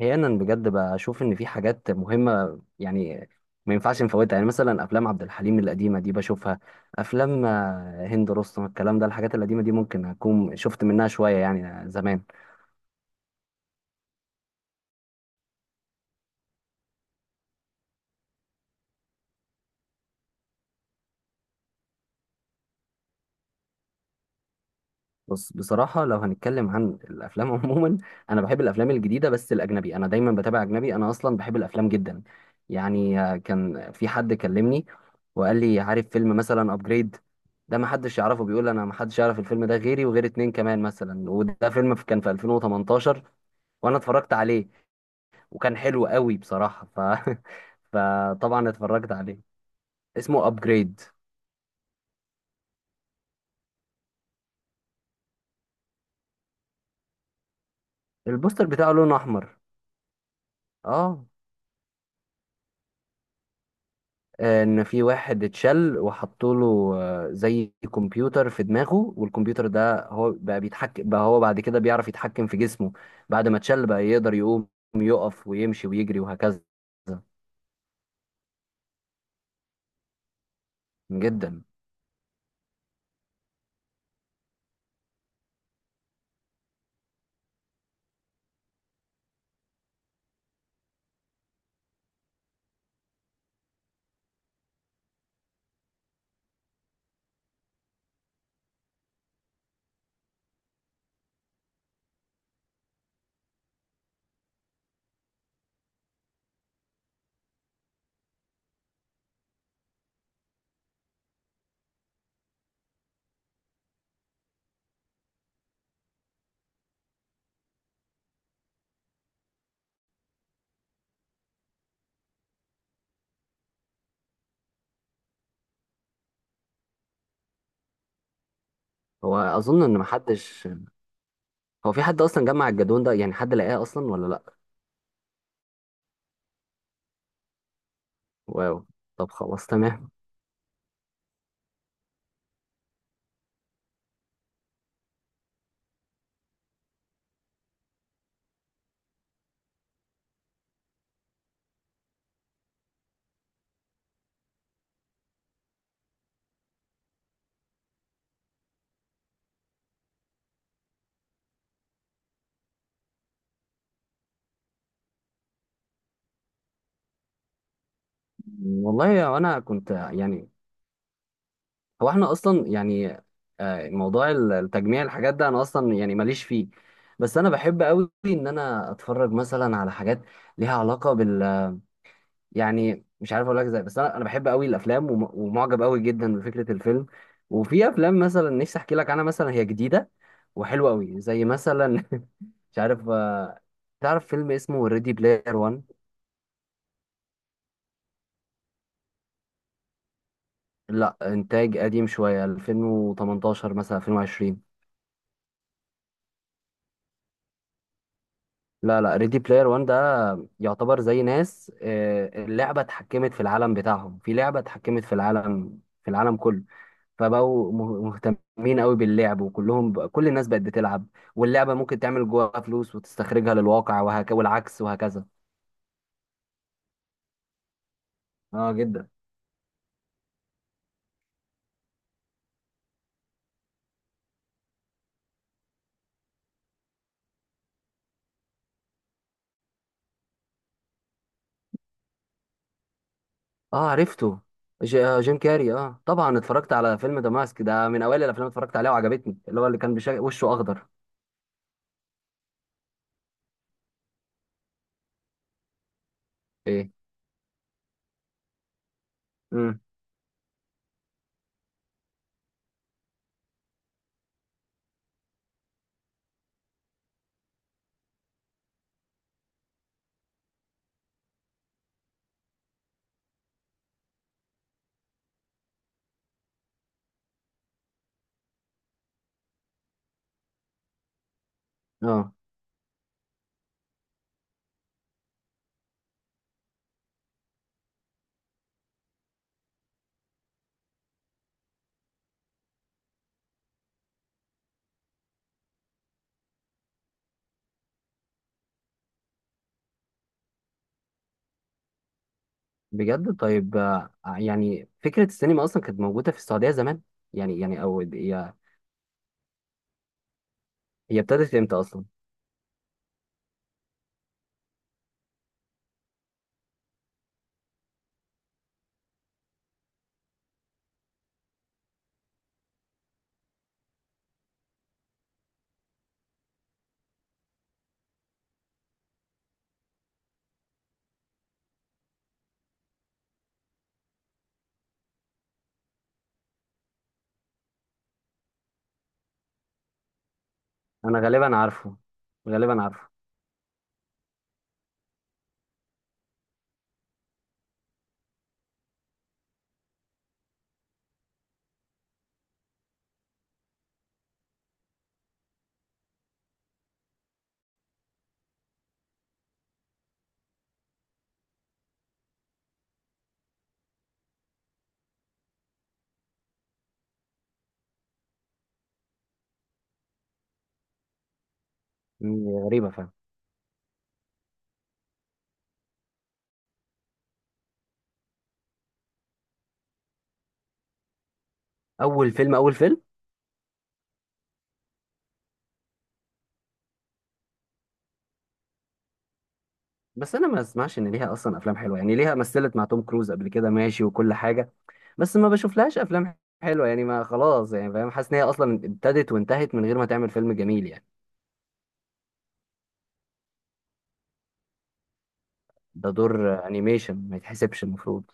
احيانا بجد بشوف ان في حاجات مهمه يعني، ما ينفعش نفوتها. يعني مثلا افلام عبد الحليم القديمه دي بشوفها. افلام هند رستم الكلام ده الحاجات القديمه دي ممكن اكون شفت منها شويه يعني زمان. بص بصراحة لو هنتكلم عن الأفلام عموما، أنا بحب الأفلام الجديدة بس الأجنبي. أنا دايما بتابع أجنبي، أنا أصلا بحب الأفلام جدا. يعني كان في حد كلمني وقال لي عارف فيلم مثلا أبجريد؟ ده ما حدش يعرفه، بيقول أنا ما حدش يعرف الفيلم ده غيري وغير اتنين كمان مثلا. وده فيلم كان في 2018، وأنا اتفرجت عليه وكان حلو قوي بصراحة فطبعا اتفرجت عليه. اسمه أبجريد. البوستر بتاعه لونه أحمر. اه. ان في واحد اتشل وحطوا له زي كمبيوتر في دماغه، والكمبيوتر ده هو بقى بيتحكم، بقى هو بعد كده بيعرف يتحكم في جسمه. بعد ما اتشل بقى يقدر يقوم، يقف ويمشي ويجري وهكذا. جدا. هو اظن ان محدش، هو في حد اصلا جمع الجدول ده يعني؟ حد لقاه اصلا ولا لا؟ واو. طب خلاص تمام. والله انا كنت يعني، هو احنا اصلا يعني، موضوع التجميع الحاجات ده انا اصلا يعني ماليش فيه. بس انا بحب قوي ان انا اتفرج مثلا على حاجات ليها علاقه بال، يعني مش عارف اقول لك ازاي. بس انا بحب قوي الافلام ومعجب قوي جدا بفكره الفيلم. وفي افلام مثلا نفسي احكي لك عنها، مثلا هي جديده وحلوه قوي زي مثلا مش عارف. تعرف فيلم اسمه ريدي بلاير 1؟ لا، انتاج قديم شويه، 2018 مثلا 2020. لا لا، ريدي بلاير 1 ده يعتبر زي ناس اللعبة اتحكمت في العالم بتاعهم، في لعبة اتحكمت في العالم، في العالم كله. فبقوا مهتمين قوي باللعب، وكلهم بقى كل الناس بقت بتلعب. واللعبة ممكن تعمل جواها فلوس وتستخرجها للواقع وهك، والعكس وهكذا. اه جدا. اه عرفته. جيم كاري، اه طبعا اتفرجت على فيلم ذا ماسك ده، من اوائل الافلام اللي اتفرجت عليها وعجبتني، اللي هو اللي كان وشه اخضر. ايه. امم. اه بجد. طيب يعني فكرة السينما أصلا كانت موجودة في السعودية زمان يعني؟ يعني أو هي، هي ابتدت إمتى أصلا؟ أنا غالبا عارفه، غالبا عارفه. مم، غريبة فعلا. أول فيلم، أول فيلم. بس أنا ما أسمعش إن ليها أصلا أفلام حلوة يعني. ليها مثلت مع توم كروز قبل كده ماشي وكل حاجة، بس ما بشوف لهاش أفلام حلوة يعني. ما خلاص يعني فاهم، حاسس إن هي أصلا ابتدت وانتهت من غير ما تعمل فيلم جميل يعني. ده دور أنيميشن، ما يتحسبش المفروض.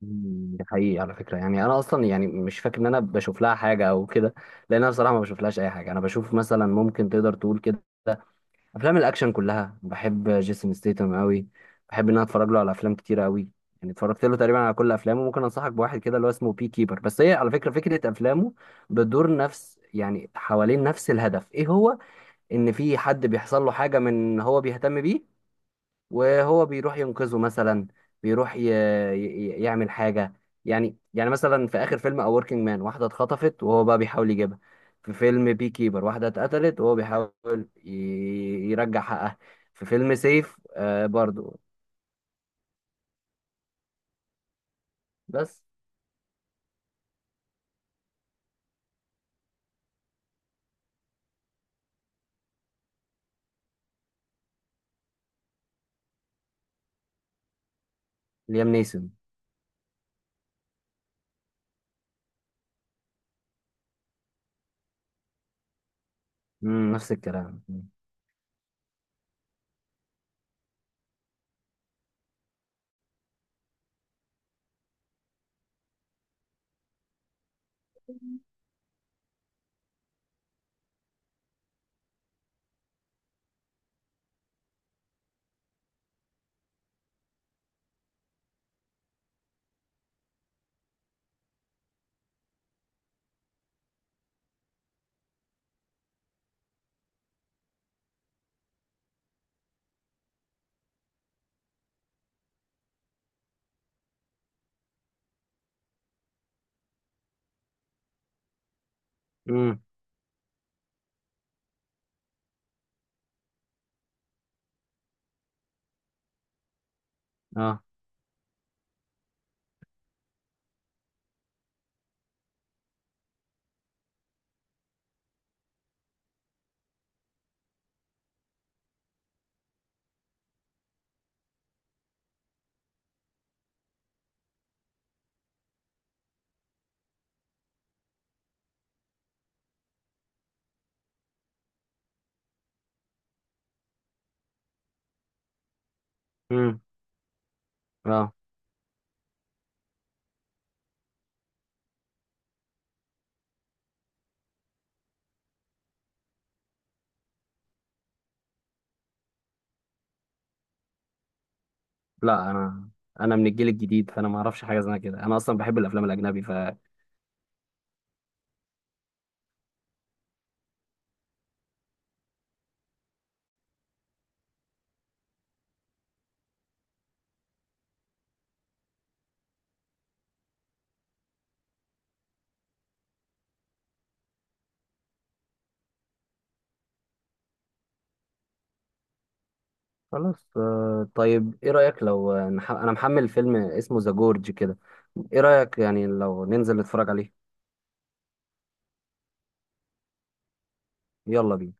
مم، دي حقيقي على فكرة. يعني أنا أصلا يعني مش فاكر إن أنا بشوف لها حاجة أو كده، لأن أنا بصراحة ما بشوف لهاش أي حاجة. أنا بشوف مثلا، ممكن تقدر تقول كده، أفلام الأكشن كلها. بحب جيسون ستيتم أوي، بحب إن أنا أتفرج له على أفلام كتيرة أوي. يعني اتفرجت له تقريبا على كل أفلامه. ممكن أنصحك بواحد كده اللي هو اسمه بي كيبر. بس هي على فكرة فكرة أفلامه بتدور نفس يعني حوالين نفس الهدف، إيه هو؟ إن في حد بيحصل له حاجة من هو بيهتم بيه، وهو بيروح ينقذه مثلا، بيروح يعمل حاجة. يعني يعني مثلا في آخر فيلم A Working Man، واحدة اتخطفت وهو بقى بيحاول يجيبها. في فيلم بي كيبر واحدة اتقتلت وهو بيحاول يرجع حقها. في فيلم سيف آه برضو، بس. ليام نيسون. مم، نفس الكلام. امم. اه. امم. اه. لا انا من الجيل الجديد، فانا ما اعرفش حاجه زي كده. انا اصلا بحب الافلام الاجنبي. خلاص. طيب ايه رأيك لو انا محمل فيلم اسمه ذا جورج كده، ايه رأيك يعني لو ننزل نتفرج عليه؟ يلا بينا.